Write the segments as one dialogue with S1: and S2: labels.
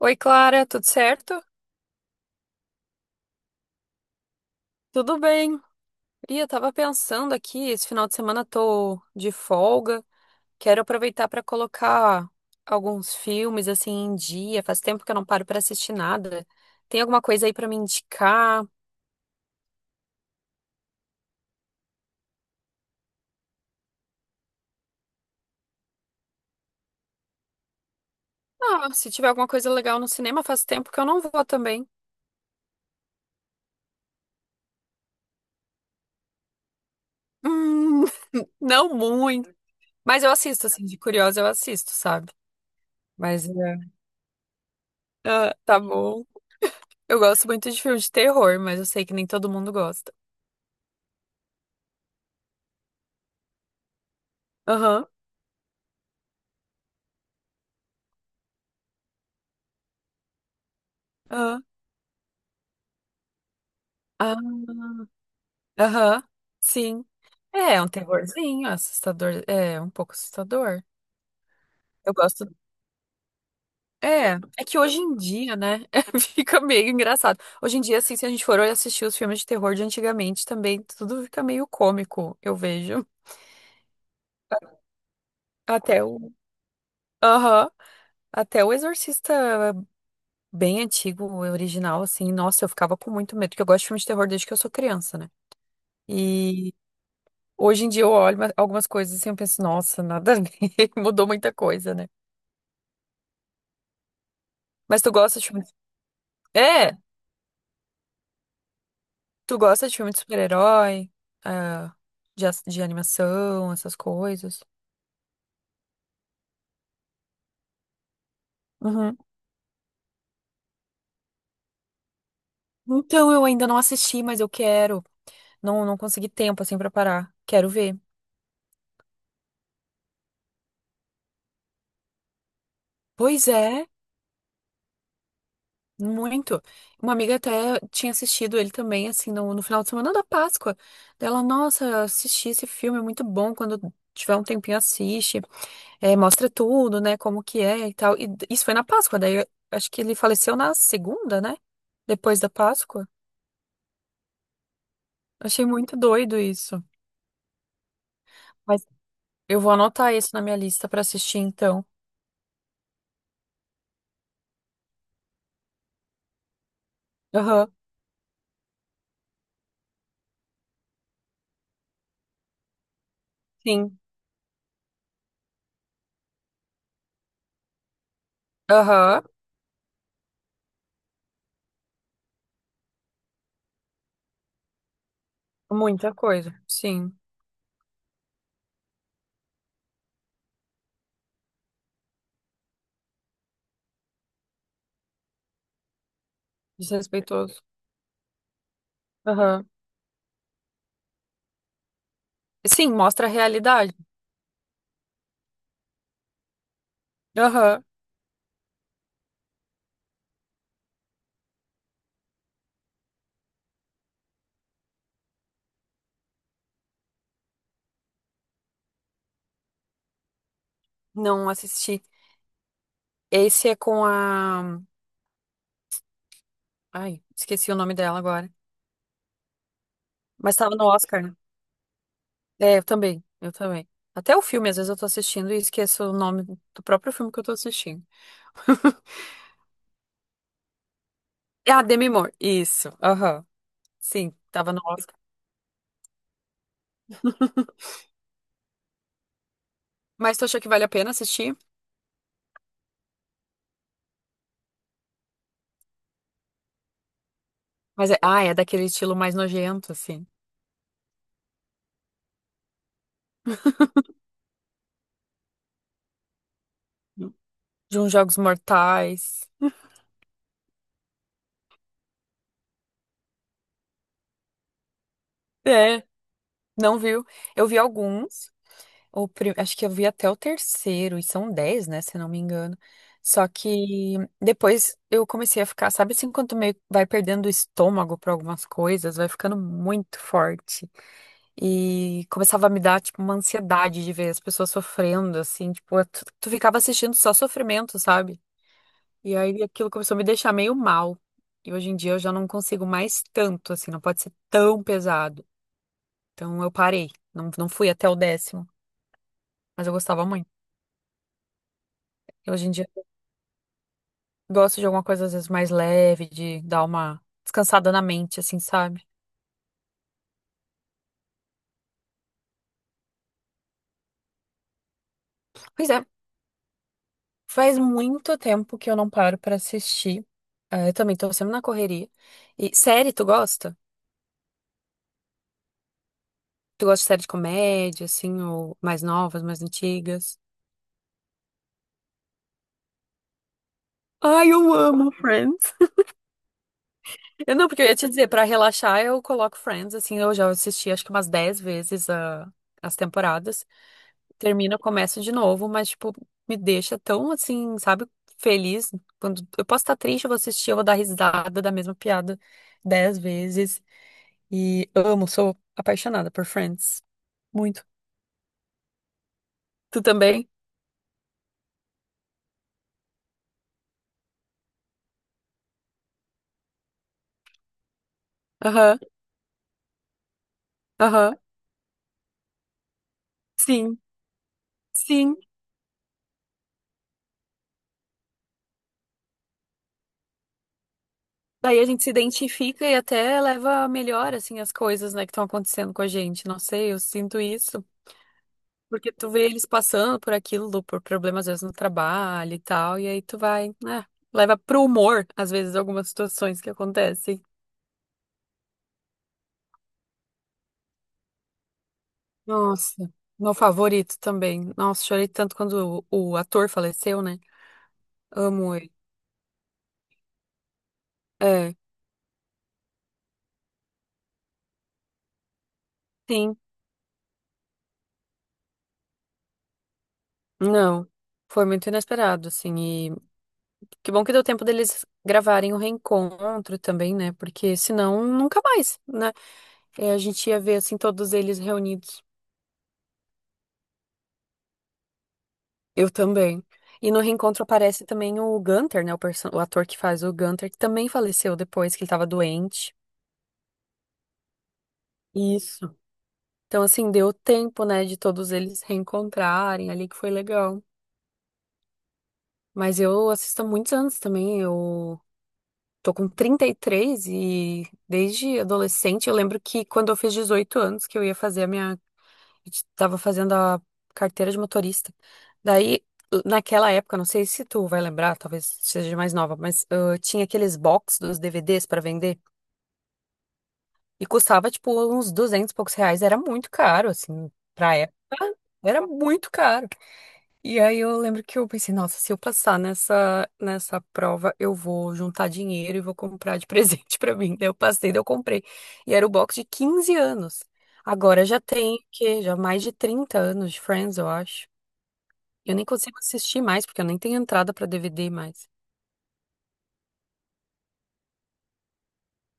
S1: Oi, Clara, tudo certo? Tudo bem. E eu tava pensando aqui, esse final de semana tô de folga. Quero aproveitar para colocar alguns filmes assim em dia. Faz tempo que eu não paro para assistir nada. Tem alguma coisa aí para me indicar? Ah, se tiver alguma coisa legal no cinema, faz tempo que eu não vou também. Hum, não muito. Mas eu assisto, assim, de curiosa eu assisto, sabe? Mas é. Ah, tá bom. Eu gosto muito de filme de terror, mas eu sei que nem todo mundo gosta. Aham. Aham. Ah, aham, sim. É um terrorzinho, assustador. É um pouco assustador. Eu gosto. É, é que hoje em dia, né? Fica meio engraçado. Hoje em dia, assim, se a gente for assistir os filmes de terror de antigamente também, tudo fica meio cômico, eu vejo. Até o. Aham. Até o Exorcista bem antigo, o original, assim, nossa, eu ficava com muito medo, porque eu gosto de filmes de terror desde que eu sou criança, né? E hoje em dia eu olho algumas coisas assim, eu penso, nossa, nada a ver, mudou muita coisa, né? Mas tu gosta de filme de. É, tu gosta de filme de super-herói, ah, de animação, essas coisas. Uhum. Então, eu ainda não assisti, mas eu quero. Não, não consegui tempo, assim, pra parar. Quero ver. Pois é, muito. Uma amiga até tinha assistido ele também, assim, no final de semana da Páscoa. Dela, nossa, assisti esse filme, é muito bom. Quando tiver um tempinho, assiste. É, mostra tudo, né? Como que é e tal. Isso foi na Páscoa, daí eu acho que ele faleceu na segunda, né? Depois da Páscoa. Achei muito doido isso. Mas eu vou anotar isso na minha lista pra assistir, então. Aham, sim. Aham, muita coisa. Sim, desrespeitoso. Aham. Sim, mostra a realidade. Aham, não assisti. Esse é com a. Ai, esqueci o nome dela agora. Mas tava no Oscar, né? É, eu também, eu também. Até o filme, às vezes eu tô assistindo e esqueço o nome do próprio filme que eu tô assistindo. Ah, Demi Moore. Isso. Aham. Sim, tava no Oscar. Mas tu achou que vale a pena assistir? Mas é, ah, é daquele estilo mais nojento, assim. De uns Jogos Mortais. É, não viu? Eu vi alguns. Acho que eu vi até o terceiro, e são 10, né, se eu não me engano. Só que depois eu comecei a ficar, sabe, assim, quando tu meio vai perdendo o estômago para algumas coisas, vai ficando muito forte. E começava a me dar, tipo, uma ansiedade de ver as pessoas sofrendo, assim, tipo, tu ficava assistindo só sofrimento, sabe? E aí aquilo começou a me deixar meio mal. E hoje em dia eu já não consigo mais tanto, assim, não pode ser tão pesado. Então eu parei, não, não fui até o 10º, mas eu gostava muito. E hoje em dia gosto de alguma coisa, às vezes, mais leve, de dar uma descansada na mente, assim, sabe? Pois é, faz muito tempo que eu não paro pra assistir. Eu também tô sempre na correria. E série, tu gosta? Tu gosta de série de comédia, assim, ou mais novas, mais antigas? Ai, eu amo Friends. Eu não, porque eu ia te dizer, pra relaxar eu coloco Friends, assim, eu já assisti acho que umas 10 vezes as temporadas. Termina, começa de novo, mas, tipo, me deixa tão assim, sabe, feliz. Quando eu posso estar triste, eu vou assistir, eu vou dar risada da mesma piada 10 vezes. E amo, sou apaixonada por Friends. Muito. Tu também? Aham, aham. Sim, sim. Daí a gente se identifica e até leva a melhor, assim, as coisas, né, que estão acontecendo com a gente. Não sei, eu sinto isso. Porque tu vê eles passando por aquilo, por problemas às vezes no trabalho e tal, e aí tu vai, né, leva pro humor, às vezes, algumas situações que acontecem. Nossa, meu favorito também. Nossa, chorei tanto quando o ator faleceu, né? Amo ele. É, sim, não. Foi muito inesperado, assim, e que bom que deu tempo deles gravarem o reencontro também, né? Porque senão nunca mais, né? É, a gente ia ver, assim, todos eles reunidos. Eu também. E no reencontro aparece também o Gunther, né? O ator que faz o Gunther, que também faleceu depois que ele tava doente. Isso. Então, assim, deu tempo, né, de todos eles reencontrarem ali, que foi legal. Mas eu assisto há muitos anos também. Eu tô com 33 e desde adolescente eu lembro que quando eu fiz 18 anos que eu ia fazer a minha, estava fazendo a carteira de motorista. Daí, naquela época, não sei se tu vai lembrar, talvez seja mais nova, mas tinha aqueles box dos DVDs para vender e custava tipo uns 200 e poucos reais, era muito caro assim pra época. Era muito caro. E aí eu lembro que eu pensei, nossa, se eu passar nessa prova, eu vou juntar dinheiro e vou comprar de presente pra mim. Daí eu passei, daí eu comprei. E era o box de 15 anos. Agora já tem, o quê? Já mais de 30 anos de Friends, eu acho. Eu nem consigo assistir mais, porque eu nem tenho entrada pra DVD mais.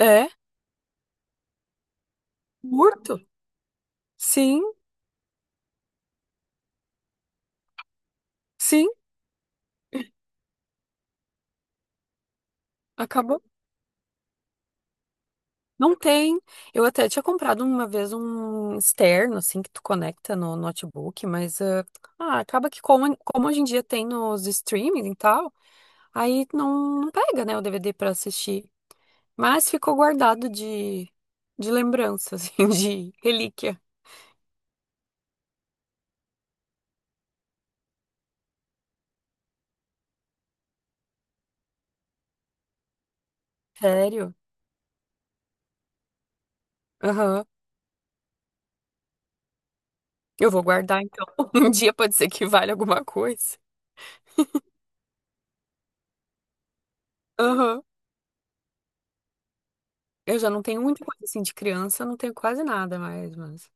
S1: É, curto. Sim, sim, acabou. Não tem. Eu até tinha comprado uma vez um externo, assim, que tu conecta no notebook, mas acaba que, como hoje em dia tem nos streaming e tal, aí não pega, né, o DVD pra assistir. Mas ficou guardado de lembrança, assim, de relíquia. Sério? Aham. Eu vou guardar, então. Um dia pode ser que valha alguma coisa. Aham. Eu já não tenho muita coisa assim de criança, eu não tenho quase nada mais, mas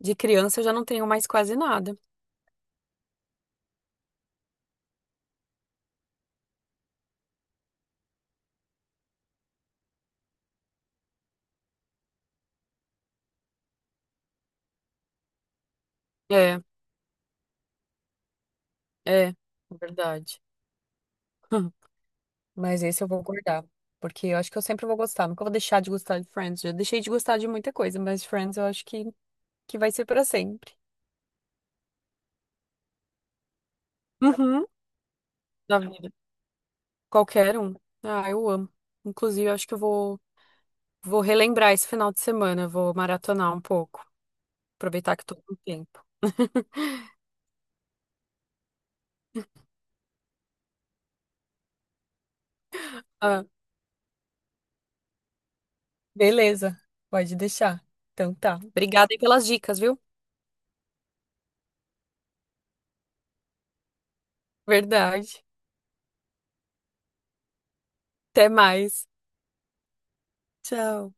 S1: de criança eu já não tenho mais quase nada. É, é, verdade. Mas esse eu vou guardar, porque eu acho que eu sempre vou gostar, nunca vou deixar de gostar de Friends. Já deixei de gostar de muita coisa, mas Friends eu acho que vai ser pra sempre. Uhum, na vida. Qualquer um. Ah, eu amo. Inclusive, eu acho que eu vou relembrar esse final de semana, vou maratonar um pouco, aproveitar que tô com tempo. Ah, beleza, pode deixar. Então tá. Obrigada aí pelas dicas, viu? Verdade. Até mais. Tchau.